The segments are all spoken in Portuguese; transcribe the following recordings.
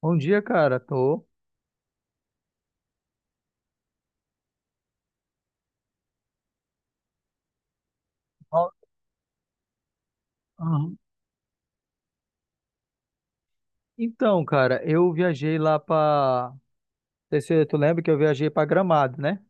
Bom dia, cara. Tô. Ó, aham. Então, cara, eu viajei lá pra. Não sei se tu lembra que eu viajei pra Gramado, né?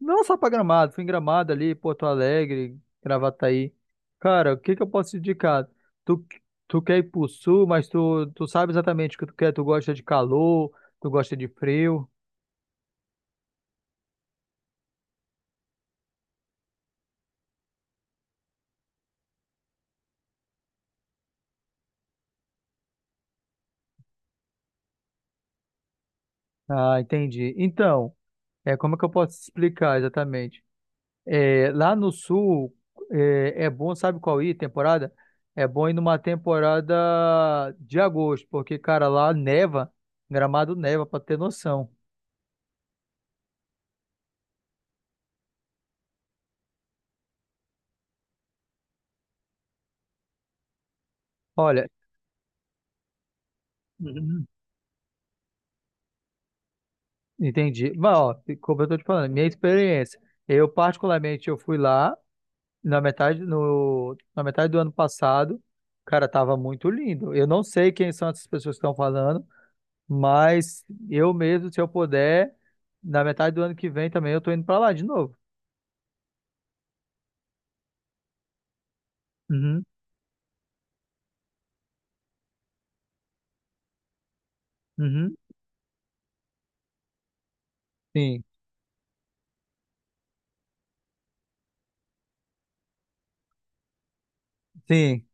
Não só pra Gramado, fui em Gramado ali, Porto Alegre, Gravataí. Cara, o que que eu posso te indicar? Tu, tu quer ir pro sul, mas tu sabe exatamente o que tu quer. Tu gosta de calor, tu gosta de frio. Ah, entendi. Então, é como é que eu posso te explicar exatamente? É, lá no sul, é bom, sabe qual ir, temporada? É bom ir numa temporada de agosto, porque, cara, lá neva, Gramado neva, pra ter noção. Olha, uhum. Entendi. Mas, ó, como eu tô te falando, minha experiência. Eu, particularmente, eu fui lá na metade, no, na metade do ano passado. Cara, tava muito lindo. Eu não sei quem são essas pessoas que estão falando, mas eu mesmo, se eu puder, na metade do ano que vem também eu tô indo pra lá de novo. Uhum, uhum, sim, sim.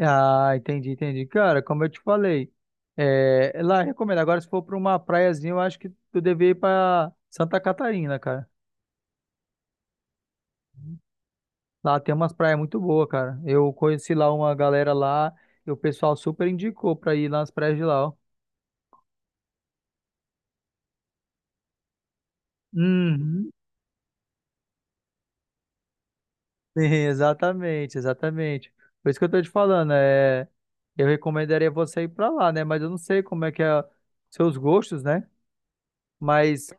Ah, entendi, entendi. Cara, como eu te falei, é lá eu recomendo. Agora, se for para uma praiazinha, eu acho que tu deve ir para Santa Catarina, cara. Lá tem umas praias muito boas, cara. Eu conheci lá uma galera lá e o pessoal super indicou para ir lá nas praias de lá, ó. Uhum, sim, exatamente, exatamente. Por isso que eu tô te falando, é, eu recomendaria você ir para lá, né? Mas eu não sei como é que é seus gostos, né? Mas.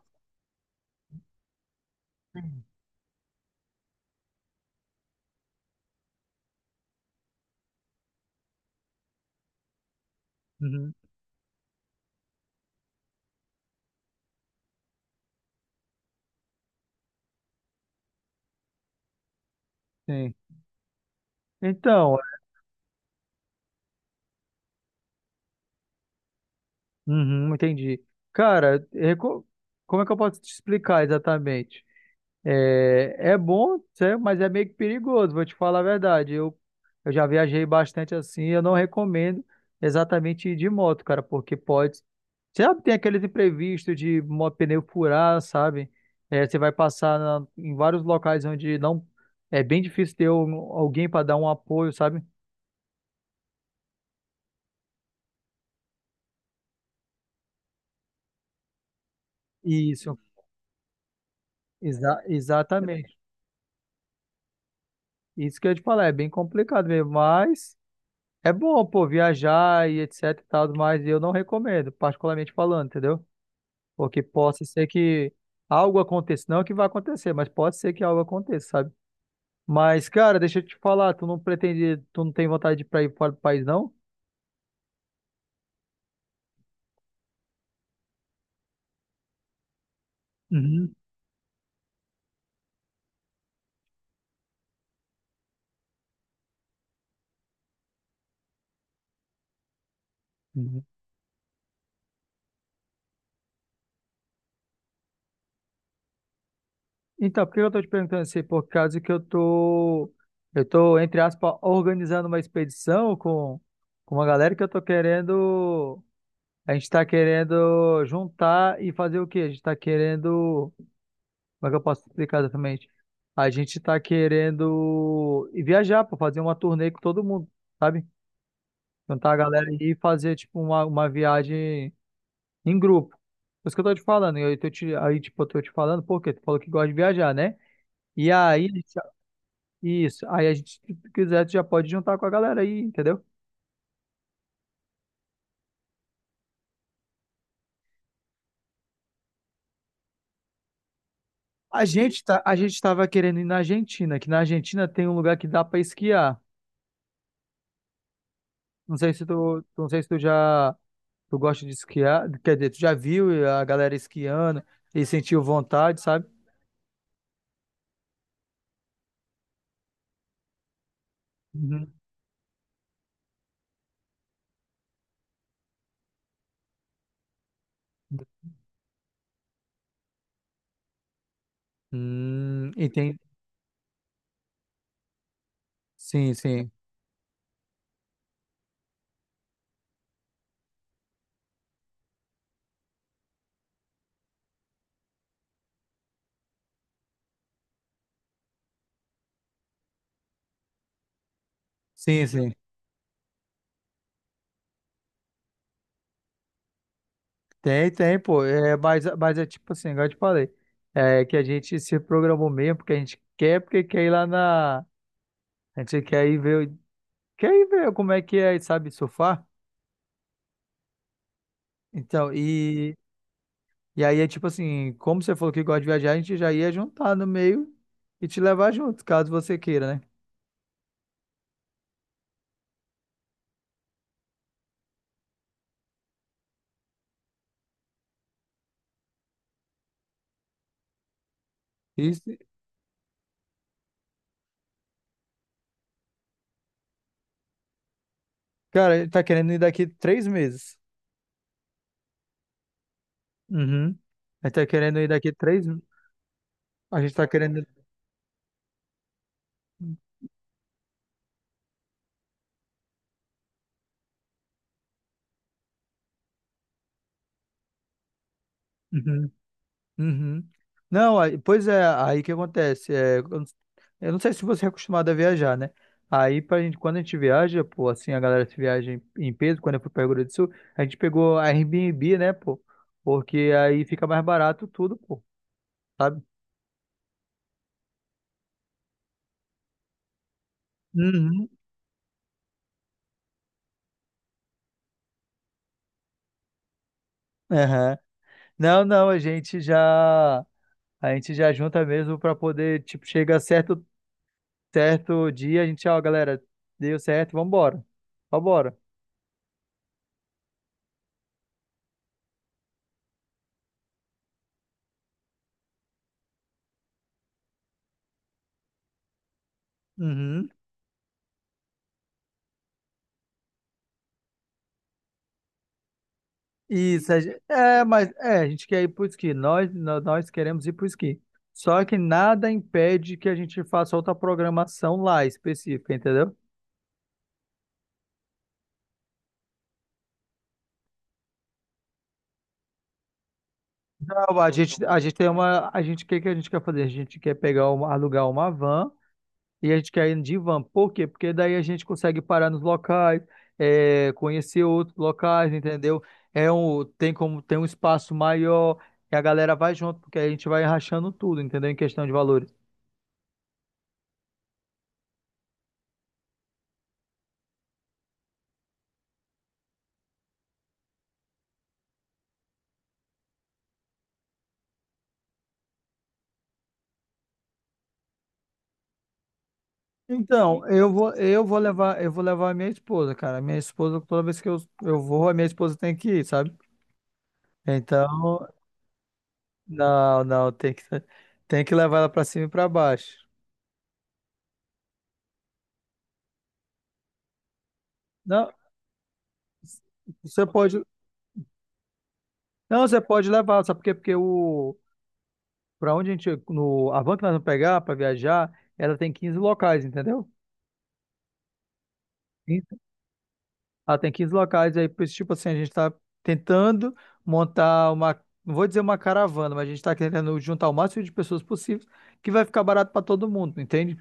Sim. Uhum, sim. Então, uhum, entendi. Cara, como é que eu posso te explicar exatamente? É, é bom, mas é meio que perigoso, vou te falar a verdade. Eu já viajei bastante assim, eu não recomendo exatamente ir de moto, cara, porque pode. Sabe, tem aqueles imprevistos de pneu furar, sabe? É, você vai passar em vários locais onde não é bem difícil ter alguém para dar um apoio, sabe? Isso, exatamente. Isso que eu ia te falar, é bem complicado mesmo, mas é bom, pô, viajar e etc e tal, mas eu não recomendo, particularmente falando, entendeu? Porque possa ser que algo aconteça, não que vai acontecer, mas pode ser que algo aconteça, sabe? Mas, cara, deixa eu te falar, tu não pretende, tu não tem vontade de ir pra ir fora do país, não? Uhum, uhum. Então, por que eu tô te perguntando isso? Por causa que eu tô, entre aspas, organizando uma expedição com uma galera que eu tô querendo. A gente está querendo juntar e fazer o quê? A gente está querendo. Como é que eu posso explicar exatamente? A gente está querendo ir viajar para fazer uma turnê com todo mundo, sabe? Juntar a galera e fazer tipo uma viagem em grupo. Por isso que eu tô te falando. E aí, aí, tipo, eu tô te falando, porque tu falou que gosta de viajar, né? E aí, isso. Aí a gente, se tu quiser, tu já pode juntar com a galera aí, entendeu? A gente tava querendo ir na Argentina, que na Argentina tem um lugar que dá para esquiar. Não sei se tu já tu gosta de esquiar, quer dizer, tu já viu a galera esquiando e sentiu vontade, sabe? Uhum. Entendi. Sim, sim. Sim, sim. Tem, tem, pô. É, mas é tipo assim, igual eu te falei. É que a gente se programou mesmo, porque a gente quer, porque quer ir lá na. A gente quer ir ver como é que é, sabe, surfar. Então, E aí é tipo assim, como você falou que gosta de viajar, a gente já ia juntar no meio e te levar junto, caso você queira, né? Isso, cara, ele tá querendo ir daqui 3 meses. Uhum. A gente tá querendo ir daqui três. A gente tá querendo. Uhum. Uhum. Não, pois é, aí que acontece. Eu não sei se você é acostumado a viajar, né? Aí pra gente, quando a gente viaja, pô, assim, a galera se viaja em peso, quando eu fui pra Rio Grande do Sul, a gente pegou a Airbnb, né, pô? Porque aí fica mais barato tudo, pô. Sabe? Uhum, aham. Não, não, a gente já junta mesmo pra poder, tipo, chega certo certo dia, a gente, ó, galera, deu certo, vambora. Vambora. Uhum. Isso, é, mas é, a gente quer ir pro esqui, nós queremos ir pro esqui. Só que nada impede que a gente faça outra programação lá específica, entendeu? Não, a gente o que que a gente quer fazer? A gente quer alugar uma van. E a gente quer ir de van. Por quê? Porque daí a gente consegue parar nos locais, conhecer outros locais, entendeu? Tem um espaço maior e a galera vai junto, porque a gente vai rachando tudo, entendeu? Em questão de valores. Então, eu vou levar a minha esposa, cara. A minha esposa, toda vez que eu vou, a minha esposa tem que ir, sabe? Então, não, não, tem que levar ela pra cima e pra baixo. Não, você pode, não, você pode levar, sabe por quê? Porque o, Para onde a gente, no, a van que nós vamos pegar para viajar, ela tem 15 locais, entendeu? Eita. Ela tem 15 locais, aí, pois, tipo assim, a gente está tentando montar uma, não vou dizer uma caravana, mas a gente está tentando juntar o máximo de pessoas possível, que vai ficar barato para todo mundo, entende?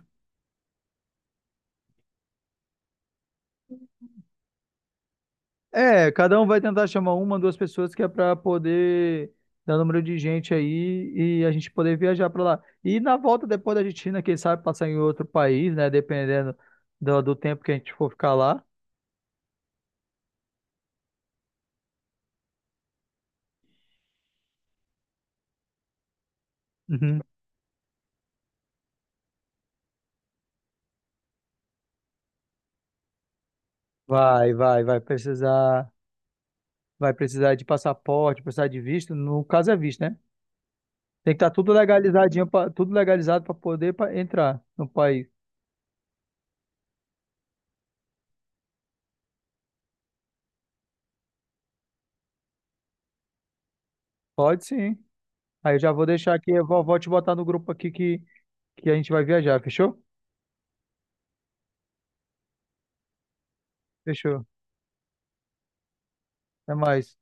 É, cada um vai tentar chamar uma, duas pessoas, que é para poder dar número de gente aí e a gente poder viajar para lá. E na volta, depois da Argentina, quem sabe passar em outro país, né? Dependendo do tempo que a gente for ficar lá. Vai, vai, vai precisar, vai precisar de passaporte, precisar de visto. No caso é visto, né? Tem que estar tudo legalizadinho, tudo legalizado para poder entrar no país. Pode sim. Aí eu já vou deixar aqui, eu vou te botar no grupo aqui que a gente vai viajar, fechou? Fechou. Até mais.